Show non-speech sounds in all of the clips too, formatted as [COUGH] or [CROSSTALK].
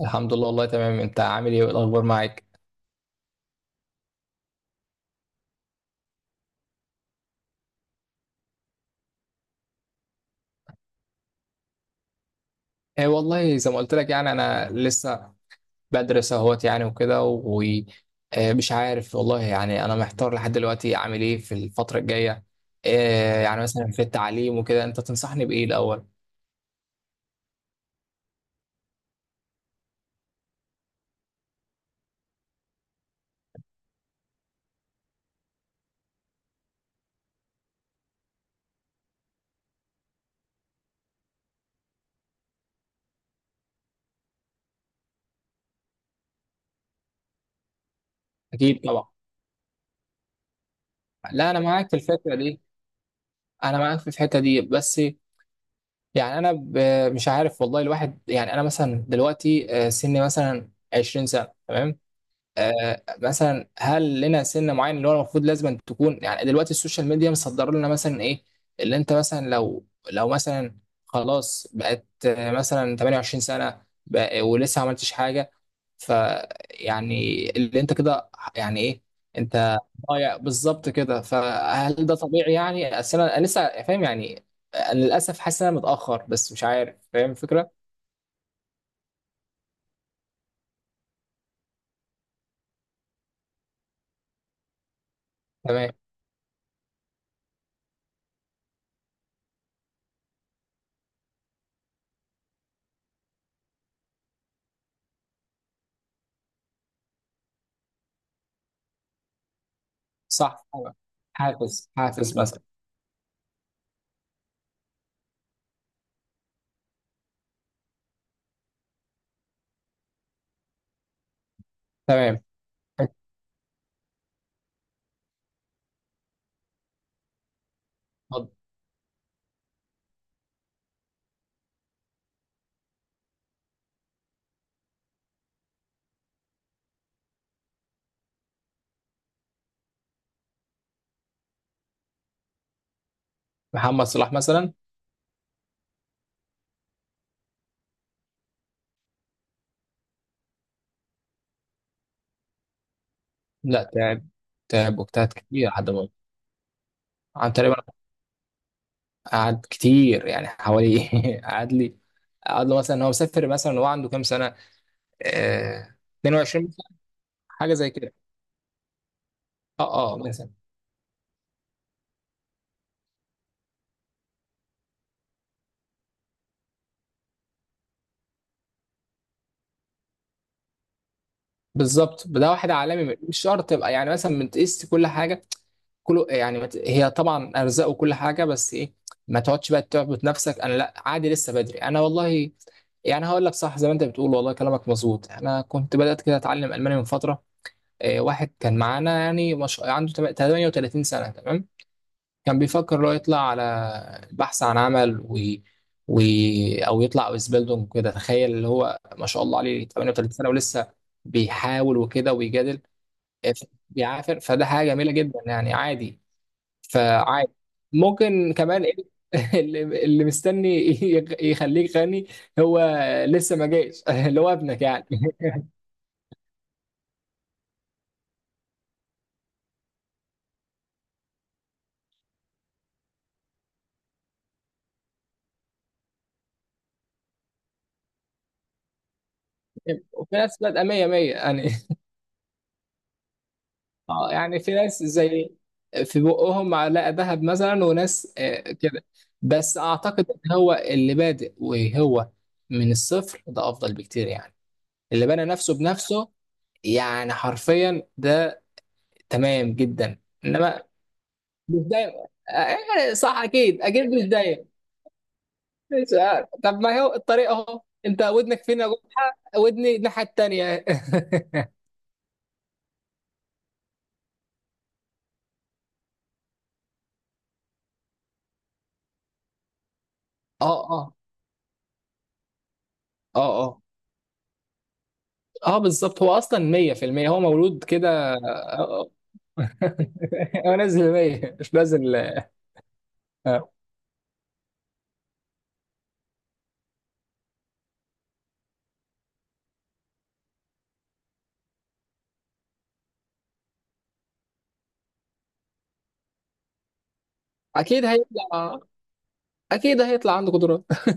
الحمد لله، والله تمام. انت عامل ايه والاخبار معاك؟ ايه والله، زي ما قلت لك يعني انا لسه بدرس اهوت يعني وكده، ومش عارف والله، يعني انا محتار لحد دلوقتي اعمل ايه في الفترة الجاية. إيه يعني، مثلا في التعليم وكده، انت تنصحني بايه الاول؟ اكيد طبعا. لا، انا معاك في الفكرة دي. انا معاك في الحتة دي، بس يعني انا مش عارف والله. الواحد يعني انا مثلا دلوقتي، سني مثلا 20 سنة، تمام. مثلا هل لنا سن معين اللي هو المفروض لازم تكون، يعني دلوقتي السوشيال ميديا مصدر لنا مثلا ايه؟ اللي انت مثلا لو مثلا خلاص بقت مثلا 28 سنة، ولسه ما عملتش حاجة، ف يعني اللي انت كده يعني ايه؟ انت ضايع بالظبط كده. فهل ده طبيعي؟ يعني أصل أنا لسه فاهم يعني. أنا للاسف حاسس ان انا متأخر، بس مش عارف. فاهم الفكرة؟ تمام. صح. حافز، حافز مثلا. تمام. اتفضل. محمد صلاح مثلا. لا، تعب. تعب واجتهد كتير لحد ما... عن تقريبا، قعد كتير يعني، حوالي... [LAUGHS] قعد لي قعد له مثلا، هو مسافر مثلا، هو عنده كام سنه؟ آه 22 مثلاً، حاجه زي كده. اه، اه، مثلا. بالظبط. ده واحد عالمي مش شرط تبقى، يعني مثلا من تقيس كل حاجه، كله يعني هي طبعا ارزاق وكل حاجه، بس ايه؟ ما تقعدش بقى تعبط نفسك. انا لا، عادي، لسه بدري انا والله. يعني هقول لك صح، زي ما انت بتقول والله، كلامك مظبوط. انا كنت بدات كده اتعلم الماني من فتره. واحد كان معانا، يعني مش... عنده 38 سنة، تمام. كان بيفكر لو يطلع على البحث عن عمل و... أو يطلع أوزبيلدونج كده. تخيل، اللي هو ما شاء الله عليه 38 سنة ولسه بيحاول وكده ويجادل. آه، ف- بيعافر. فده حاجة جميلة جدا يعني. عادي. فعادي، ممكن كمان إيه. [LAUGHS] اللي مستني يخليك غني هو لسه ما جاش. [LAUGHS] اللي هو ابنك يعني. [LAUGHS] وفي نفس الوقت 100 100 يعني. اه يعني في ناس زي، في بقهم معلقه ذهب مثلا، وناس كده. بس اعتقد ان هو اللي بادئ وهو من الصفر ده افضل بكتير، يعني اللي بنى نفسه بنفسه. يعني حرفيا ده تمام جدا. انما مش دايما. آه، آه، صح، اكيد اكيد مش دايما. مش عارف. طب ما هو الطريق اهو، انت ودنك فين يا ودني الناحيه التانيه. [LAUGHS] اه اه، اه. اه، اه، بالظبط. هو اصلا 100% هو مولود كده، آه، [LAUGHS] هو نزل 100 مش نازل. آه. اكيد هيطلع اكيد هيطلع عنده قدرات. [LAUGHS]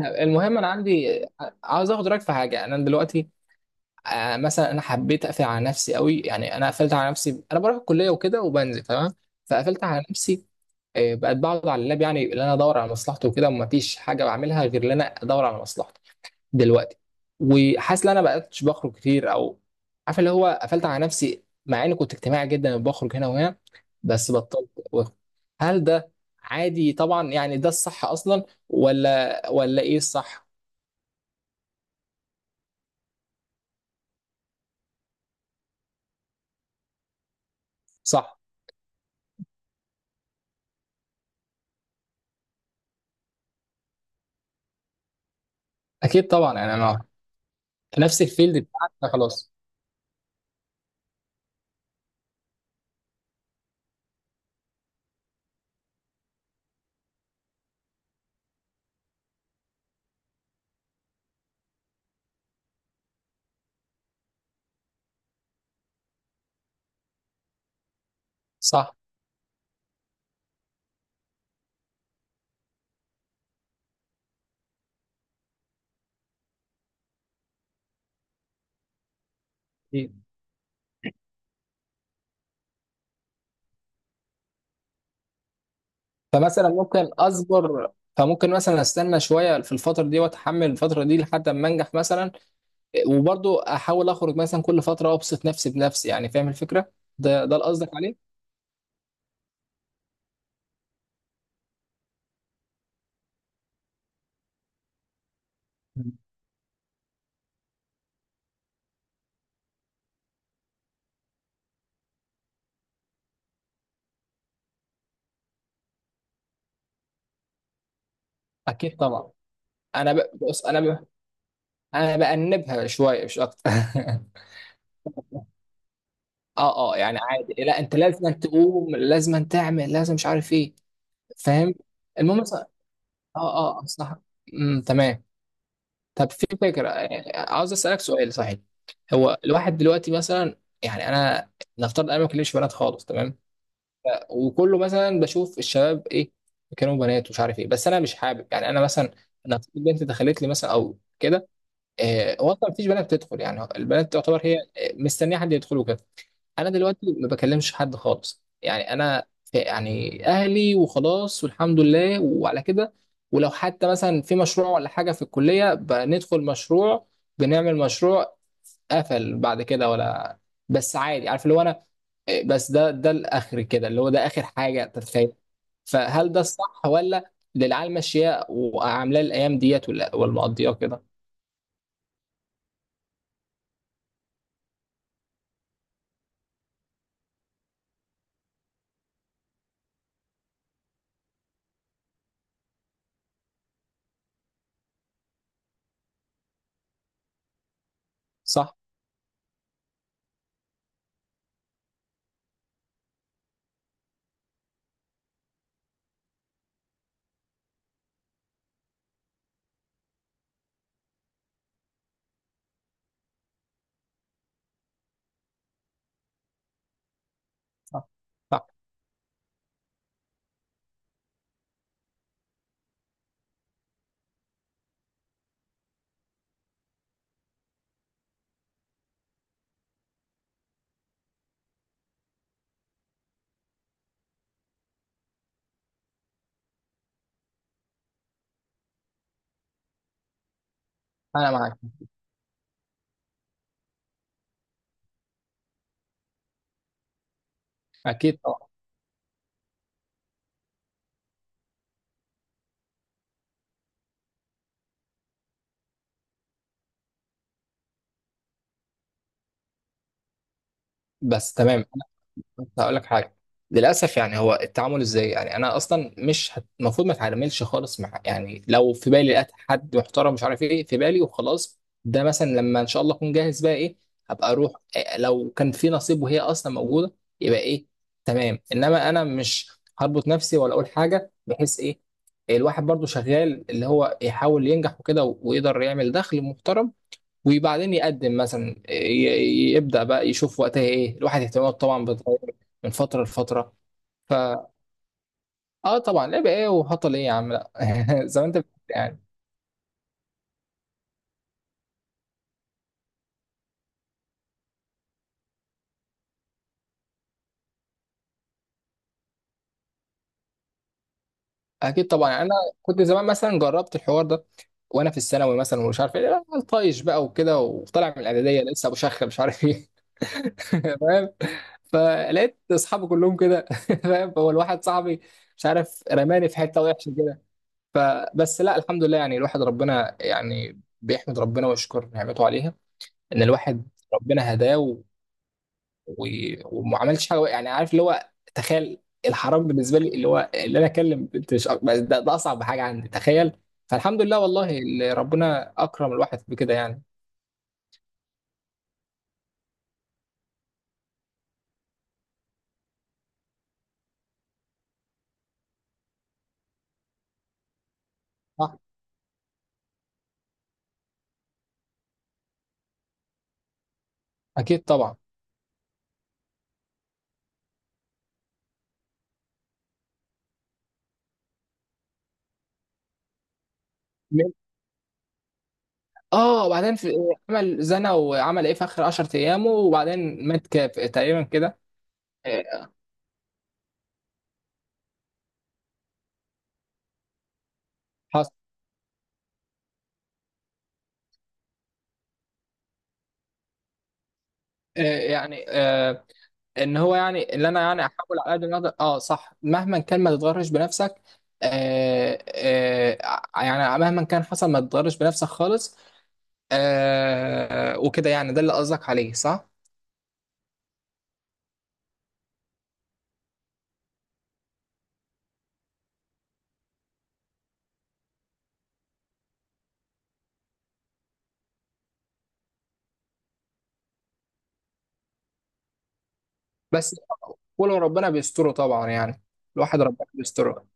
المهم، انا عندي عاوز اخد رايك في حاجه. انا دلوقتي، مثلا انا حبيت اقفل على نفسي قوي، يعني انا قفلت على نفسي. انا بروح الكليه وكده وبنزل تمام، فقفلت على نفسي. بقت بقعد على اللاب، يعني اللي انا ادور على مصلحته وكده، ومفيش حاجه بعملها غير ان انا ادور على مصلحته دلوقتي. وحاسس ان انا بقتش بخرج كتير، او عارف اللي هو قفلت على نفسي، مع اني كنت اجتماعي جدا وبخرج هنا وهنا، بس بطلت واخد. هل ده عادي طبعا، يعني ده الصح اصلا، ولا ايه الصح؟ صح، اكيد طبعا. يعني انا في نفس الفيلد بتاعك خلاص. صح، أكيد. فمثلا ممكن اصبر، فممكن مثلا استنى شويه في الفتره دي واتحمل الفتره دي لحد ما انجح مثلا، وبرضو احاول اخرج مثلا كل فتره وابسط نفسي بنفسي، يعني فاهم الفكره؟ ده اللي قصدك عليه. اكيد طبعا. بص انا بأنبها شويه مش اكتر. [LAUGHS] اه يعني عادي. لا، انت لازم أن تقوم، لازم أن تعمل، لازم مش عارف ايه. فاهم؟ المهم. صح. تمام. طب في فكره، عاوز اسالك سؤال صحيح. هو الواحد دلوقتي مثلا، يعني انا نفترض انا ما بكلمش بنات خالص، تمام. وكله مثلا بشوف الشباب ايه، كانوا بنات ومش عارف ايه، بس انا مش حابب. يعني انا مثلا، انا في بنت دخلت لي مثلا او كده. هو اصلا مفيش بنات بتدخل، يعني البنات تعتبر هي مستنيه حد يدخل وكده. انا دلوقتي ما بكلمش حد خالص، يعني انا يعني اهلي وخلاص، والحمد لله وعلى كده. ولو حتى مثلا في مشروع ولا حاجه في الكليه بندخل مشروع، بنعمل مشروع، قفل بعد كده، ولا، بس عادي، عارف اللي هو انا، بس ده الاخر كده، اللي هو ده اخر حاجه تتخيل. فهل ده الصح ولا اللي العيال ماشيه وعاملاه الايام ديت، ولا مقضياه كده؟ صح، صح، صح، انا معاك. اكيد طبعا. بس تمام. بس هقول لك حاجه. للاسف يعني هو التعامل ازاي، يعني انا اصلا مش هت- المفروض ما اتعاملش خالص مع، يعني لو في بالي لقيت حد محترم مش عارف ايه في بالي وخلاص. ده مثلا لما ان شاء الله اكون جاهز بقى ايه، هبقى اروح إيه، لو كان في نصيب وهي اصلا موجوده يبقى ايه. تمام، انما انا مش هربط نفسي ولا اقول حاجه بحيث ايه، الواحد برضو شغال اللي هو يحاول ينجح وكده ويقدر يعمل دخل محترم. وبعدين يقدم مثلا يبدأ بقى يشوف وقتها ايه، الواحد اهتماماته طبعا بتتغير من فترة لفترة. فا اه طبعا لعب ايه وهطل ايه يا عم، لا، [LAUGHS] زي ما انت بتقول يعني. اكيد طبعا. يعني انا كنت زمان مثلا جربت الحوار ده، وانا في الثانوي مثلا ومش عارف ايه، لا، طايش بقى وكده، وطالع من الاعداديه لسه ابو شخ مش عارف ايه. [LAUGHS] فاهم. فلقيت اصحابي كلهم كده. [LAUGHS] فاهم، هو الواحد صاحبي مش عارف، رماني في حته وحشه. فبس، لا الحمد لله، يعني الواحد ربنا يعني بيحمد ربنا ويشكر نعمته عليها، ان الواحد ربنا هداه و... وما عملش حاجه يعني، عارف اللي هو، تخيل. الحرام بالنسبه لي اللي هو اللي انا اكلم بنت مش بس ده اصعب حاجه عندي، تخيل. فالحمد لله والله، اللي ربنا اكرم الواحد بكده يعني. صح، اكيد طبعا. اه، وبعدين في، عمل زنا وعمل ايه في اخر 10 ايامه، وبعدين مات كاف تقريبا كده. آه، حصل. يعني ان هو يعني اللي انا يعني، احاول على قد ما اقدر، اه صح، مهما كان ما تتغرش بنفسك. آه، آه، يعني مهما كان حصل ما تتغرش بنفسك خالص. آه، وكده يعني، ده اللي قصدك عليه صح؟ بس ولو ربنا بيستره طبعا يعني، الواحد ربنا بيستره.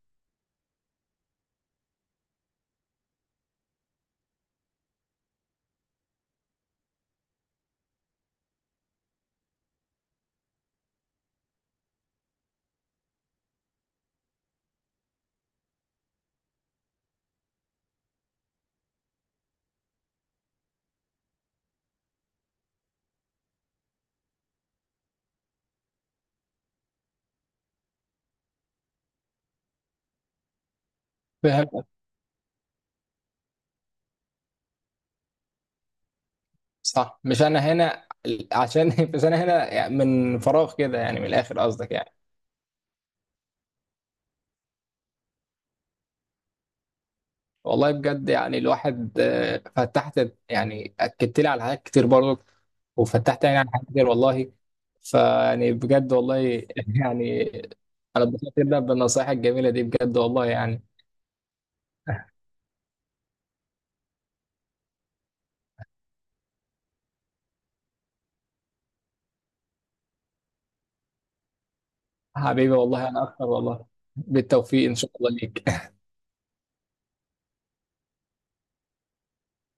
فهمت. صح، مش انا هنا عشان [LAUGHS] مش انا هنا يعني من فراغ كده، يعني من الاخر قصدك يعني. والله بجد، يعني الواحد، فتحت يعني، اكدت لي على حاجات كتير برضو. وفتحت يعني عن حاجات كتير والله. فيعني بجد والله. [LAUGHS] يعني، انا اتبسطت جدا بالنصائح الجميله دي، بجد والله يعني. حبيبي والله، انا اكتر والله. بالتوفيق ان شاء الله ليك.